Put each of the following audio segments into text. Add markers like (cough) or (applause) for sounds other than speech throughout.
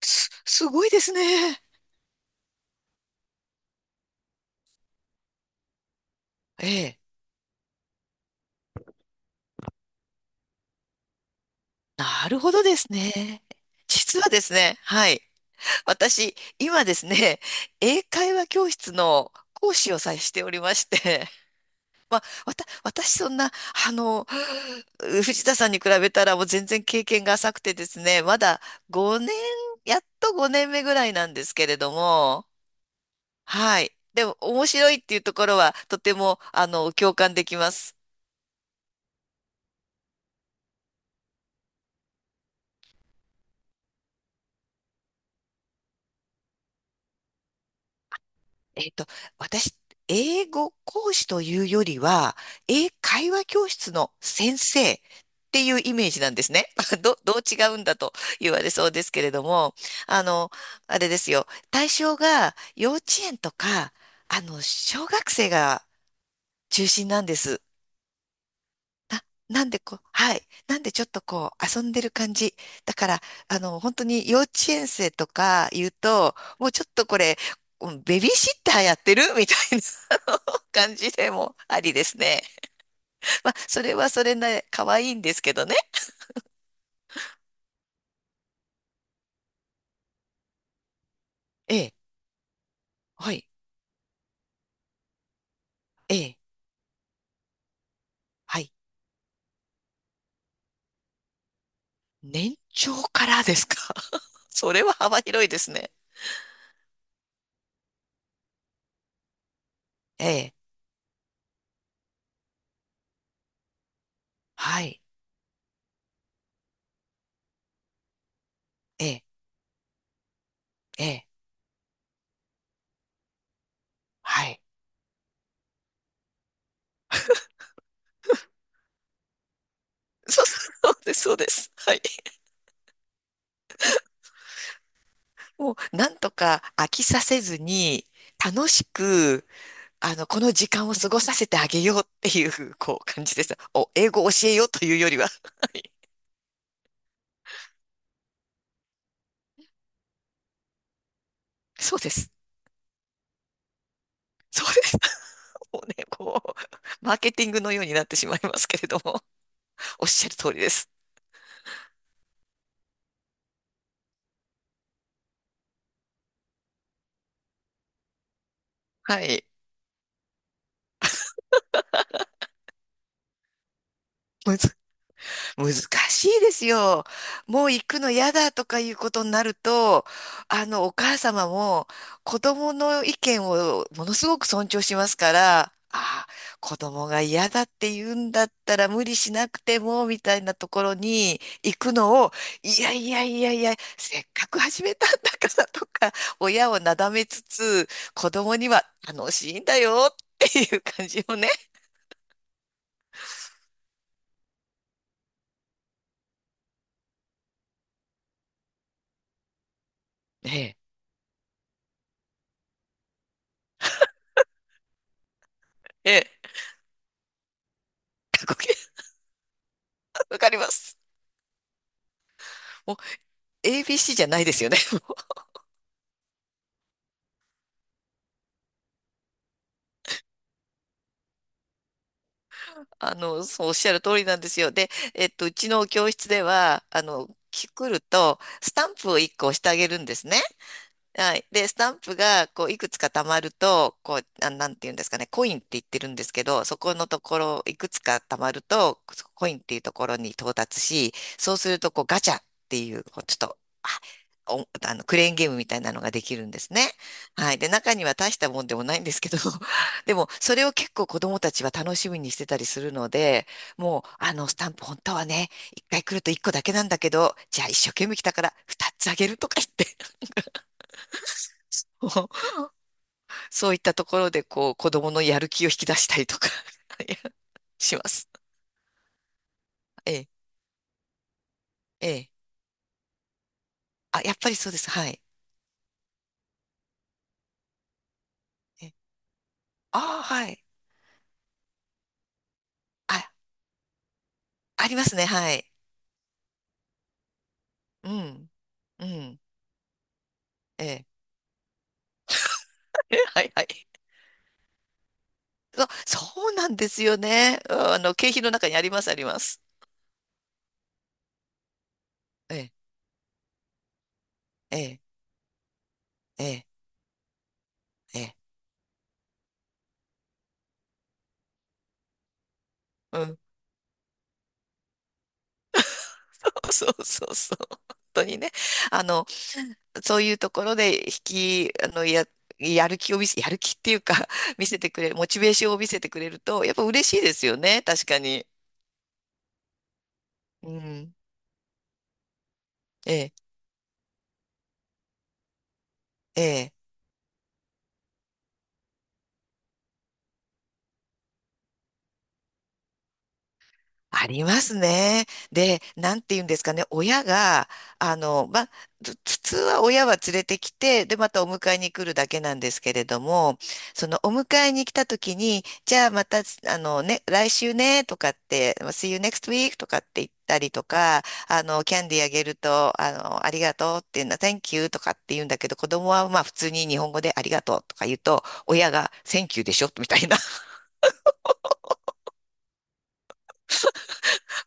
すごいですね。ええ。なるほどですね。実はですね、はい。私、今ですね、英会話教室の講師をさえしておりまして、まあ、私そんな、あの、藤田さんに比べたらもう全然経験が浅くてですね、まだ5年、やっと5年目ぐらいなんですけれども、はい。でも、面白いっていうところは、とても、共感できます。えっと、私、英語講師というよりは、英会話教室の先生っていうイメージなんですね。(laughs) どう違うんだと言われそうですけれども、あの、あれですよ。対象が幼稚園とか、小学生が中心なんです。なんでこう、はい。なんでちょっとこう、遊んでる感じ。だから、本当に幼稚園生とか言うと、もうちょっとこれ、うんベビーシッターやってるみたいな (laughs) あの感じでもありですね。まあ、それはそれな、可愛いんですけどね。ええ、はい、ええ、はい。年長からですか。 (laughs) それは幅広いですね。ええ、はい、ええ、ええ、はい。そう、(laughs) そうです、そうです。はい。をなんとか飽きさせずに、楽しく、この時間を過ごさせてあげようっていう、こう、感じです。お、英語を教えようというよりは、そうです。そうです。(laughs) もうね、こう、マーケティングのようになってしまいますけれども、おっしゃる通りです。はい。難難しいですよ。もう行くの嫌だとかいうことになると、お母様も子供の意見をものすごく尊重しますから、ああ、子供が嫌だって言うんだったら無理しなくても、みたいなところに行くのを、いやいやいやいや、せっかく始めたんだからとか、親をなだめつつ、子供には楽しいんだよっていう感じをね。ええ。ええ。(laughs) わかります。ABC じゃないですよね。(laughs) そうおっしゃる通りなんですよ。で、うちの教室では、来ると、スタンプを1個押してあげるんですね。はい。で、スタンプが、こう、いくつか貯まると、こう、あ、なんていうんですかね、コインって言ってるんですけど、そこのところ、いくつか貯まると、コインっていうところに到達し、そうすると、こう、ガチャっていう、こうちょっと、あ、おあの、クレーンゲームみたいなのができるんですね。はい。で、中には大したもんでもないんですけど、(laughs) でも、それを結構子供たちは楽しみにしてたりするので、もう、スタンプ本当はね、一回来ると一個だけなんだけど、じゃあ一生懸命来たから二つあげるとか言って、(laughs) そういったところで、こう、子供のやる気を引き出したりとか。 (laughs) いや、します。ええ、ええ。あ、やっぱりそうです。はい。え、ああー、はい。あ、ありますね。はい。うん、うん、ええ。(laughs) え、はいはい。そう、そうなんですよね。うん、あの、景品の中にあります、あります。ええ、ええ、ええ、ええ。うん。(laughs) そうそうそう。本当にね。あの、そういうところで引き、あの、や、やる気を見せ、やる気っていうか (laughs) 見せてくれる、モチベーションを見せてくれると、やっぱ嬉しいですよね、確かに。うん。ええ、ええ。ありますね。で、なんて言うんですかね、親が、まあ、普通は親は連れてきて、で、またお迎えに来るだけなんですけれども、そのお迎えに来た時に、じゃあまた、あのね、来週ね、とかって、まあ See you next week とかって言ったりとか、キャンディーあげると、ありがとうっていうのは、Thank you とかって言うんだけど、子供はまあ普通に日本語でありがとうとか言うと、親が Thank you でしょみたいな、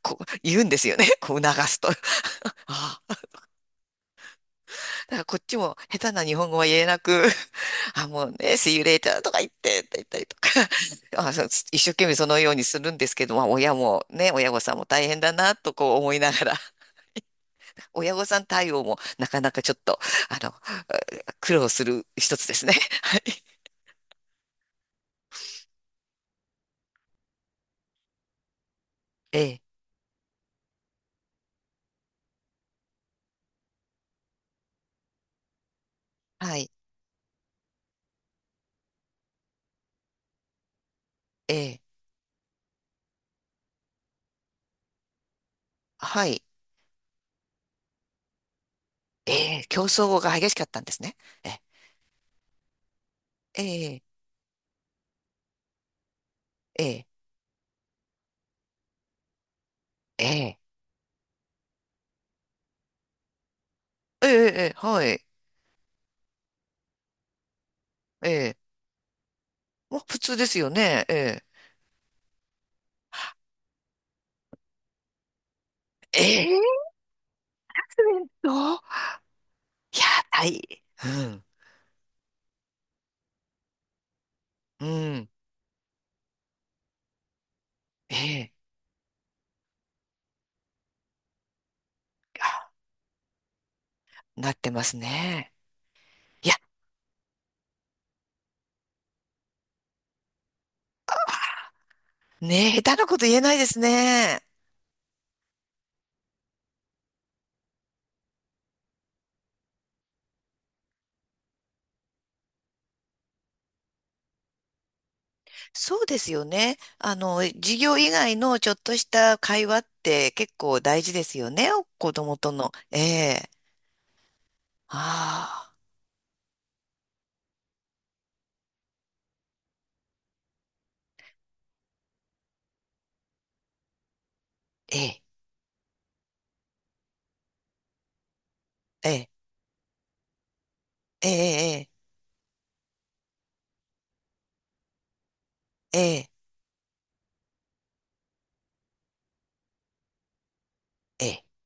こう言うんですよね。こう促すと。あ、だからこっちも下手な日本語は言えなく、(laughs) あ、もうね、See you later とか言ってって言ったりとか、(laughs) あ、そう一生懸命そのようにするんですけど、まあ親もね、親御さんも大変だなとこう思いながら、(laughs) 親御さん対応もなかなかちょっと、あの、苦労する一つですね。(laughs) ええ、はい、ええ、はい、ええ、競争が激しかったんですね。ええ、ええ、ええ、ええ、ええ、ええ、はい、ええ、まあ普通ですよね、ええ。ええ、どう、いやー、大、うん、うん、ええ、なってますね。いや、ねえ、下手なこと言えないですね。そうですよね。授業以外のちょっとした会話って結構大事ですよね。子供との。ええ、ああ、ええ、ええ、ええ、ええ、ええ、ええ、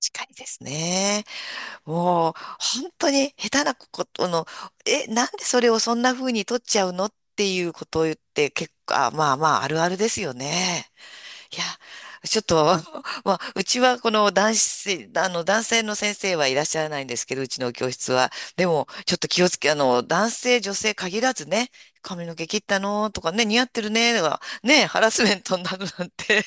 近いですね。もう、本当に下手なことの、え、なんでそれをそんな風に取っちゃうのっていうことを言って、結構、まあまあ、あるあるですよね。いや、ちょっと、(laughs) まあ、うちはこの男子、男性の先生はいらっしゃらないんですけど、うちの教室は。でも、ちょっと気をつけ、男性、女性限らずね、髪の毛切ったのとかね、似合ってるね、とか、ね、ハラスメントになるなんて。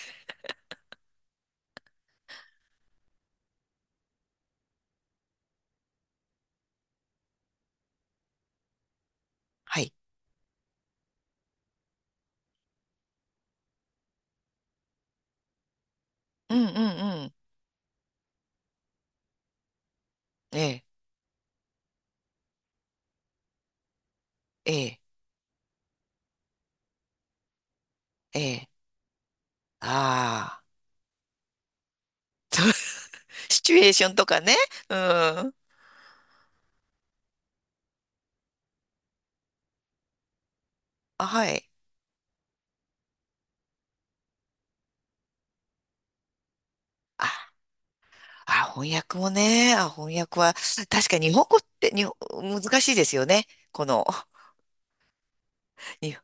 はい。うんうんうん。ええ、ええ、ええ。ああ。シチュエーションとかね。うん。あ、はい。あ、あ、翻訳もね。あ、翻訳は、確かに日本語って難しいですよね。この、に、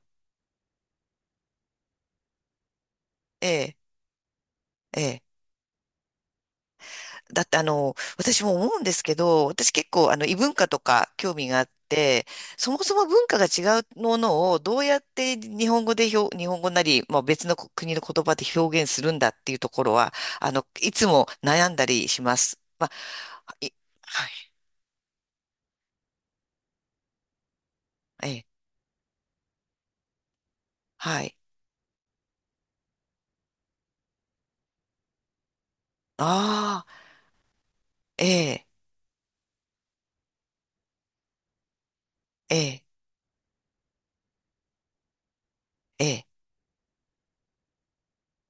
ええ、ええ。だって私も思うんですけど、私結構異文化とか興味があって、そもそも文化が違うものをどうやって日本語で表、日本語なり、まあ、別の国の言葉で表現するんだっていうところは、いつも悩んだりします。あ、い、はい、ええ、はい。ああ、ええ、ええ、ええ。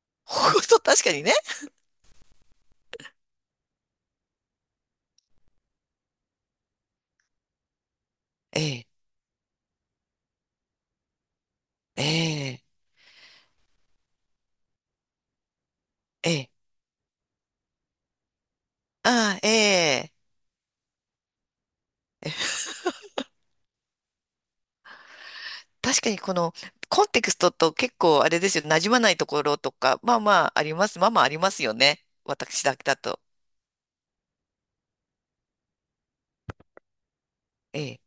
(laughs) ほんと、確かにね。ええ、ええ、ええ。ああ、ええ。確かにこの、コンテクストと結構あれですよ、馴染まないところとか、まあまああります。まあまあありますよね。私だけだと。ええ。